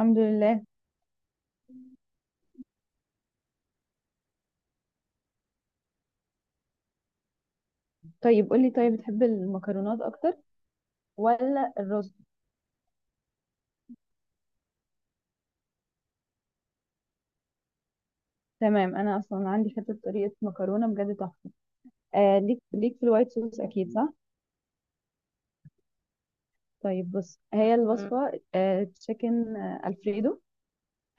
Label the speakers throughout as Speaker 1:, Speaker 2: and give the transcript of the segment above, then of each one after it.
Speaker 1: الحمد لله. طيب قولي، طيب بتحب المكرونات اكتر ولا الرز؟ تمام، انا اصلا عندي حته طريقه مكرونه بجد تحفه. آه ليك في الوايت صوص، اكيد صح. طيب بص، هي الوصفه تشيكن الفريدو.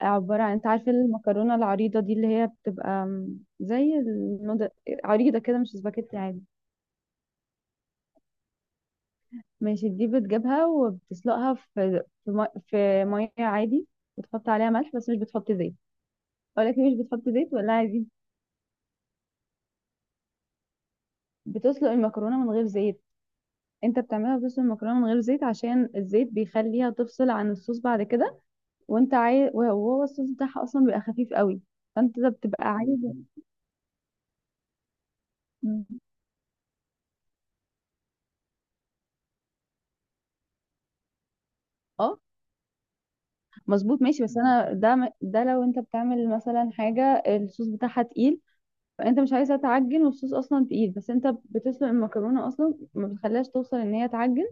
Speaker 1: عباره عن، انت عارفه المكرونه العريضه دي اللي هي بتبقى زي النودل، عريضه كده، مش سباكيتي عادي. ماشي، دي بتجيبها وبتسلقها في في ميه عادي، وتحط عليها ملح بس مش بتحط زيت. اقول لك ليه مش بتحط زيت ولا عادي؟ بتسلق المكرونه من غير زيت. انت بتعملها بصوص المكرونه من غير زيت عشان الزيت بيخليها تفصل عن الصوص بعد كده، وانت عايز، وهو الصوص بتاعها اصلا بيبقى خفيف قوي، فانت ده بتبقى عايز. مم. اه مظبوط. ماشي، بس انا ده لو انت بتعمل مثلا حاجه الصوص بتاعها تقيل، فانت مش عايزها تعجن والصوص اصلا تقيل، بس انت بتسلق المكرونه اصلا ما بتخليهاش توصل ان هي تعجن.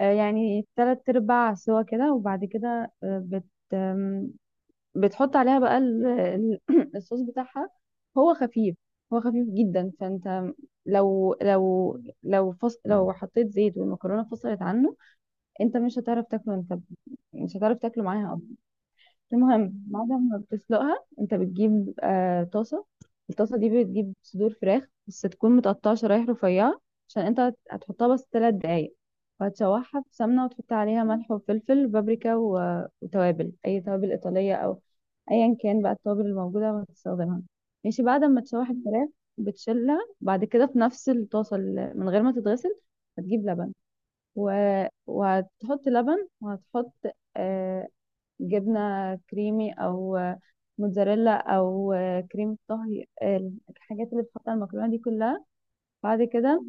Speaker 1: يعني 3 ارباع سوا كده، وبعد كده آه، بت بتحط عليها بقى الصوص بتاعها. هو خفيف، هو خفيف جدا. فانت لو لو لو حطيت زيت والمكرونه فصلت عنه، انت مش هتعرف تاكله، انت مش هتعرف تاكله معاها. المهم بعد ما بتسلقها، انت بتجيب طاسة. الطاسة دي بتجيب صدور فراخ بس تكون متقطعة شرايح رفيعة، عشان انت هتحطها بس 3 دقايق. وهتشوحها في سمنة، وتحط عليها ملح وفلفل وبابريكا و... وتوابل، أي توابل إيطالية، أو أيا كان بقى التوابل الموجودة وهتستخدمها. ماشي، بعد ما تشوح الفراخ، بتشيلها بعد كده في نفس الطاسة من غير ما تتغسل. هتجيب لبن، و... وهتحط لبن، وهتحط آه، جبنة كريمي، أو موتزاريلا، أو كريمة طهي، الحاجات اللي بتحط على المكرونة دي كلها. بعد كده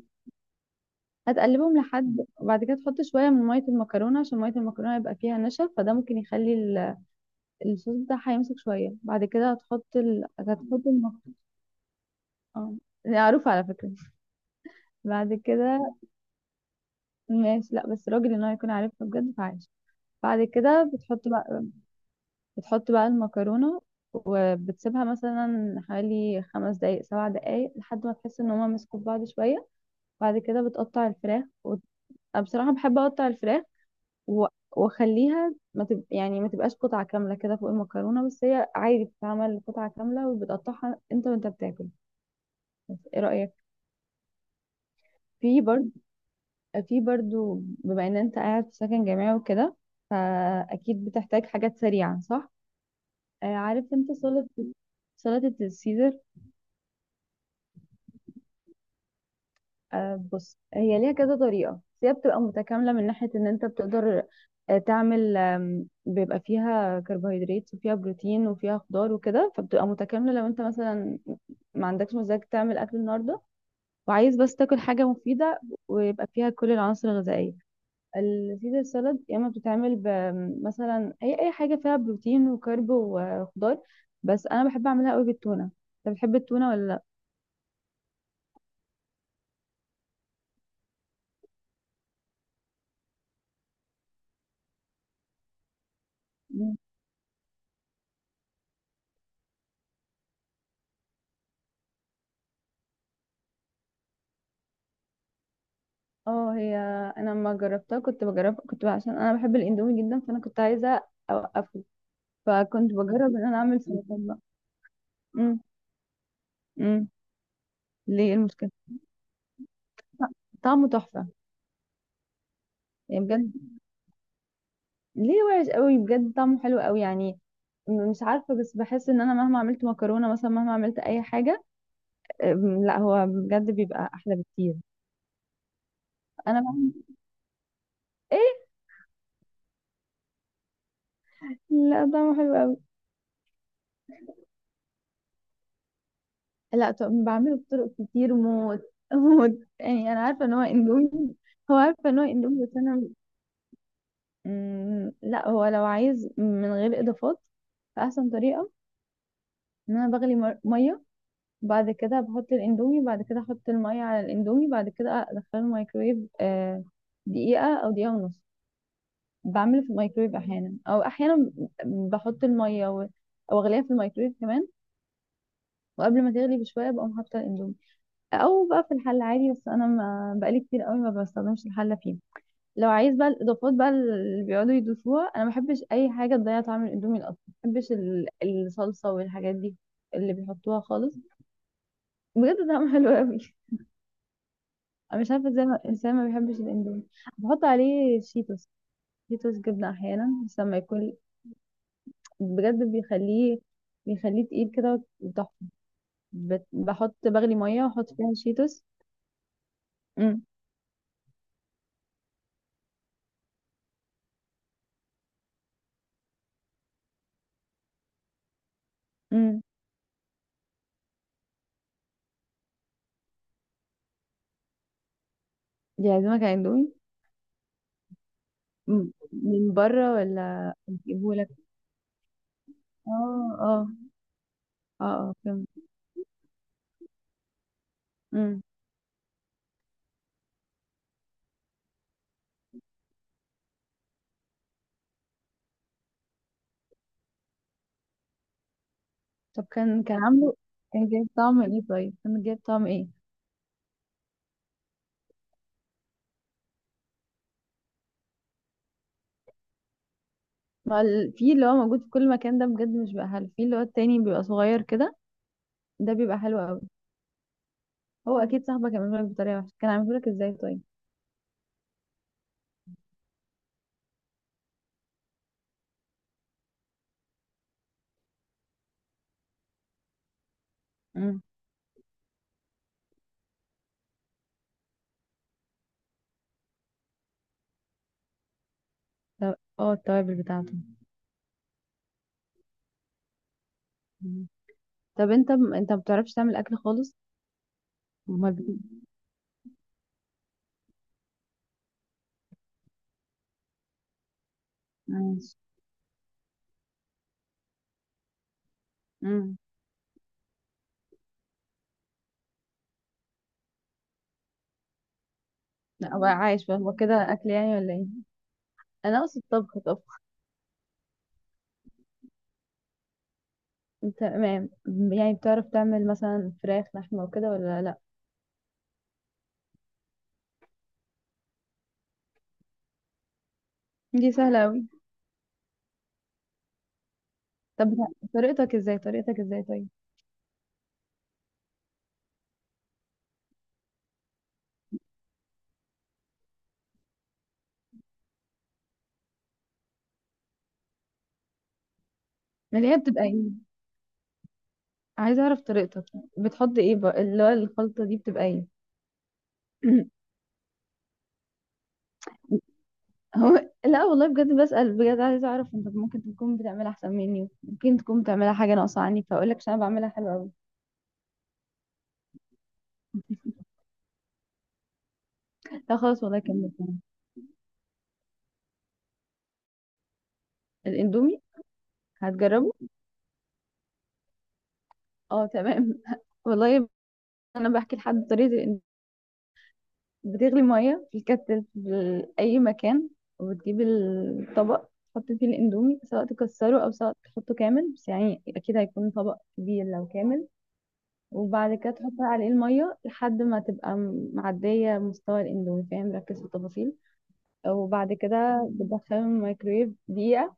Speaker 1: هتقلبهم لحد، وبعد كده تحط شوية من مية المكرونة عشان مية المكرونة يبقى فيها نشا، فده ممكن يخلي الصوص بتاعها يمسك شوية. بعد كده هتحط المكرونة. اه دي معروفة على فكرة. بعد كده ماشي، لا بس راجل ان هو يكون عارفها بجد فعايش. بعد كده بتحط بقى المكرونة، وبتسيبها مثلا حوالي 5 دقايق 7 دقايق لحد ما تحس ان هما مسكوا في بعض شوية. بعد كده بتقطع الفراخ و... أنا بصراحة بحب اقطع الفراخ و... واخليها ما تب... يعني ما تبقاش قطعة كاملة كده فوق المكرونة، بس هي عادي بتتعمل قطعة كاملة وبتقطعها انت وانت بتاكل. بس ايه رأيك؟ في برضو في برضو بما ان انت قاعد في سكن جامعي وكده، فاكيد بتحتاج حاجات سريعة، صح؟ عارف انت سلطة، سلطة السيزر؟ بص، هي ليها كذا طريقة، بس هي بتبقى متكاملة من ناحية ان انت بتقدر تعمل، بيبقى فيها كربوهيدرات وفيها بروتين وفيها خضار وكده، فبتبقى متكاملة لو انت مثلا ما عندكش مزاج تعمل اكل النهاردة، وعايز بس تاكل حاجة مفيدة ويبقى فيها كل العناصر الغذائية. السيزر سالاد يا اما بتتعمل مثلا اي حاجة فيها بروتين وكرب وخضار، بس انا بحب اعملها قوي بالتونة. انت بتحب التونة ولا؟ لا، اه هي، انا لما جربتها كنت بجرب، كنت عشان انا بحب الاندومي جدا، فانا كنت عايزه اوقفه، فكنت بجرب ان انا اعمل سلطان بقى. امم. امم. ليه إيه المشكله؟ طعمه تحفه، يعني بجد. ليه وحش قوي؟ بجد طعمه حلو قوي يعني. مش عارفه، بس بحس ان انا مهما عملت مكرونه مثلا، مهما عملت اي حاجه، لا هو بجد بيبقى احلى بكتير. انا بعمل ايه. لا طعمه حلو قوي. لا بعمله بطرق كتير موت موت يعني، انا عارفه ان هو اندومي. هو عارفه ان هو اندومي بس انا لا، هو لو عايز من غير اضافات، فاحسن طريقه ان انا بغلي ميه، بعد كده بحط الاندومي، بعد كده احط الميه على الاندومي، بعد كده ادخله الميكرويف دقيقه او دقيقه ونص. بعمل في الميكرويف احيانا، او احيانا بحط الميه او اغليها في الميكرويف كمان، وقبل ما تغلي بشويه بقوم حاطه الاندومي، او بقى في الحله عادي، بس انا ما بقالي كتير قوي ما بستخدمش الحله فيه. لو عايز بقى الاضافات بقى اللي بيقعدوا يضيفوها، انا ما بحبش اي حاجه تضيع طعم الاندومي. اصلا ما بحبش الصلصه والحاجات دي اللي بيحطوها خالص. بجد طعمه حلو قوي. انا مش عارفه ازاي الانسان ما بيحبش الاندومي. بحط عليه شيتوس. شيتوس جبنه احيانا، بس لما يكون بجد بيخليه، بيخليه تقيل كده وتحفه. بحط، بغلي ميه واحط فيها شيتوس. امم. امم. دي عازمك على اندومي؟ مم. من بره ولا اجيبهولك؟ اه. اه. اه. اه، فهمت. طب كان عامله، كان جايب طعم ايه، طيب كان جايب طعم ايه؟ في اللي هو موجود في كل مكان ده بجد مش بقى حلو، في اللي هو التاني بيبقى صغير كده، ده بيبقى حلو قوي. هو اكيد صاحبك عمله لك بطريقه وحشه، كان عامله لك ازاي طيب؟ مم. طب اه التوابل بتاعته. مم. طب انت ما بتعرفش تعمل اكل خالص؟ امال ماشي. مم. لا بقى عايش بقى هو كده اكل يعني ولا ايه؟ انا اقصد طبخ طبخ. تمام. يعني بتعرف تعمل مثلا فراخ لحمه وكده ولا لا؟ دي سهله قوي. طب طريقتك ازاي طيب؟ اللي هي بتبقى ايه؟ عايزه اعرف طريقتك. بتحط ايه بقى؟ اللي هو الخلطه دي بتبقى ايه؟ هو لا والله بجد بسأل، بجد عايزه اعرف، انت ممكن تكون بتعملها احسن مني، ممكن تكون بتعملها حاجه ناقصه عني، فاقول لك عشان انا بعملها حلوه قوي. لا خلاص والله، كمل. الاندومي؟ هتجربه؟ اه تمام والله. انا بحكي لحد طريقه بتغلي ميه في الكتل في اي مكان، وبتجيب الطبق، تحط فيه الاندومي سواء تكسره او سواء تحطه كامل، بس يعني اكيد هيكون طبق كبير لو كامل. وبعد كده تحط عليه المية لحد ما تبقى معدية مستوى الاندومي. فاهم؟ ركز في التفاصيل. وبعد كده بتدخله الميكرويف دقيقة،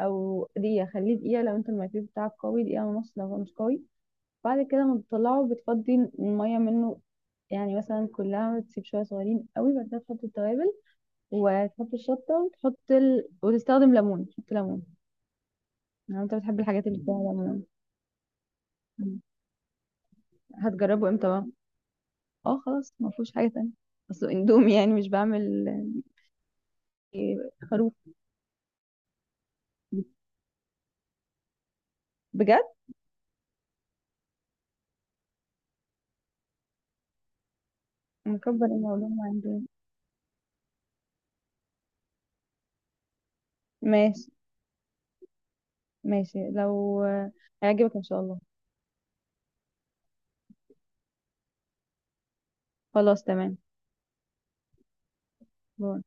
Speaker 1: أو دقيقة خليه دقيقة لو انت الميكرويف بتاعك قوي، دقيقة ونص لو هو مش قوي. بعد كده ما بتطلعه بتفضي المية منه، يعني مثلا كلها تسيب شوية صغيرين قوي. بعد كده تحط التوابل وتحط الشطة وتستخدم ليمون، تحط ليمون لو انت بتحب الحاجات اللي فيها ليمون. هتجربه امتى بقى؟ اه خلاص ما فيهوش حاجه تانية، اصله اندومي يعني مش بعمل خروف. بجد مكبر ان اقول لهم عندي. ماشي. ماشي لو هيعجبك ان شاء الله. خلاص تمام. باي.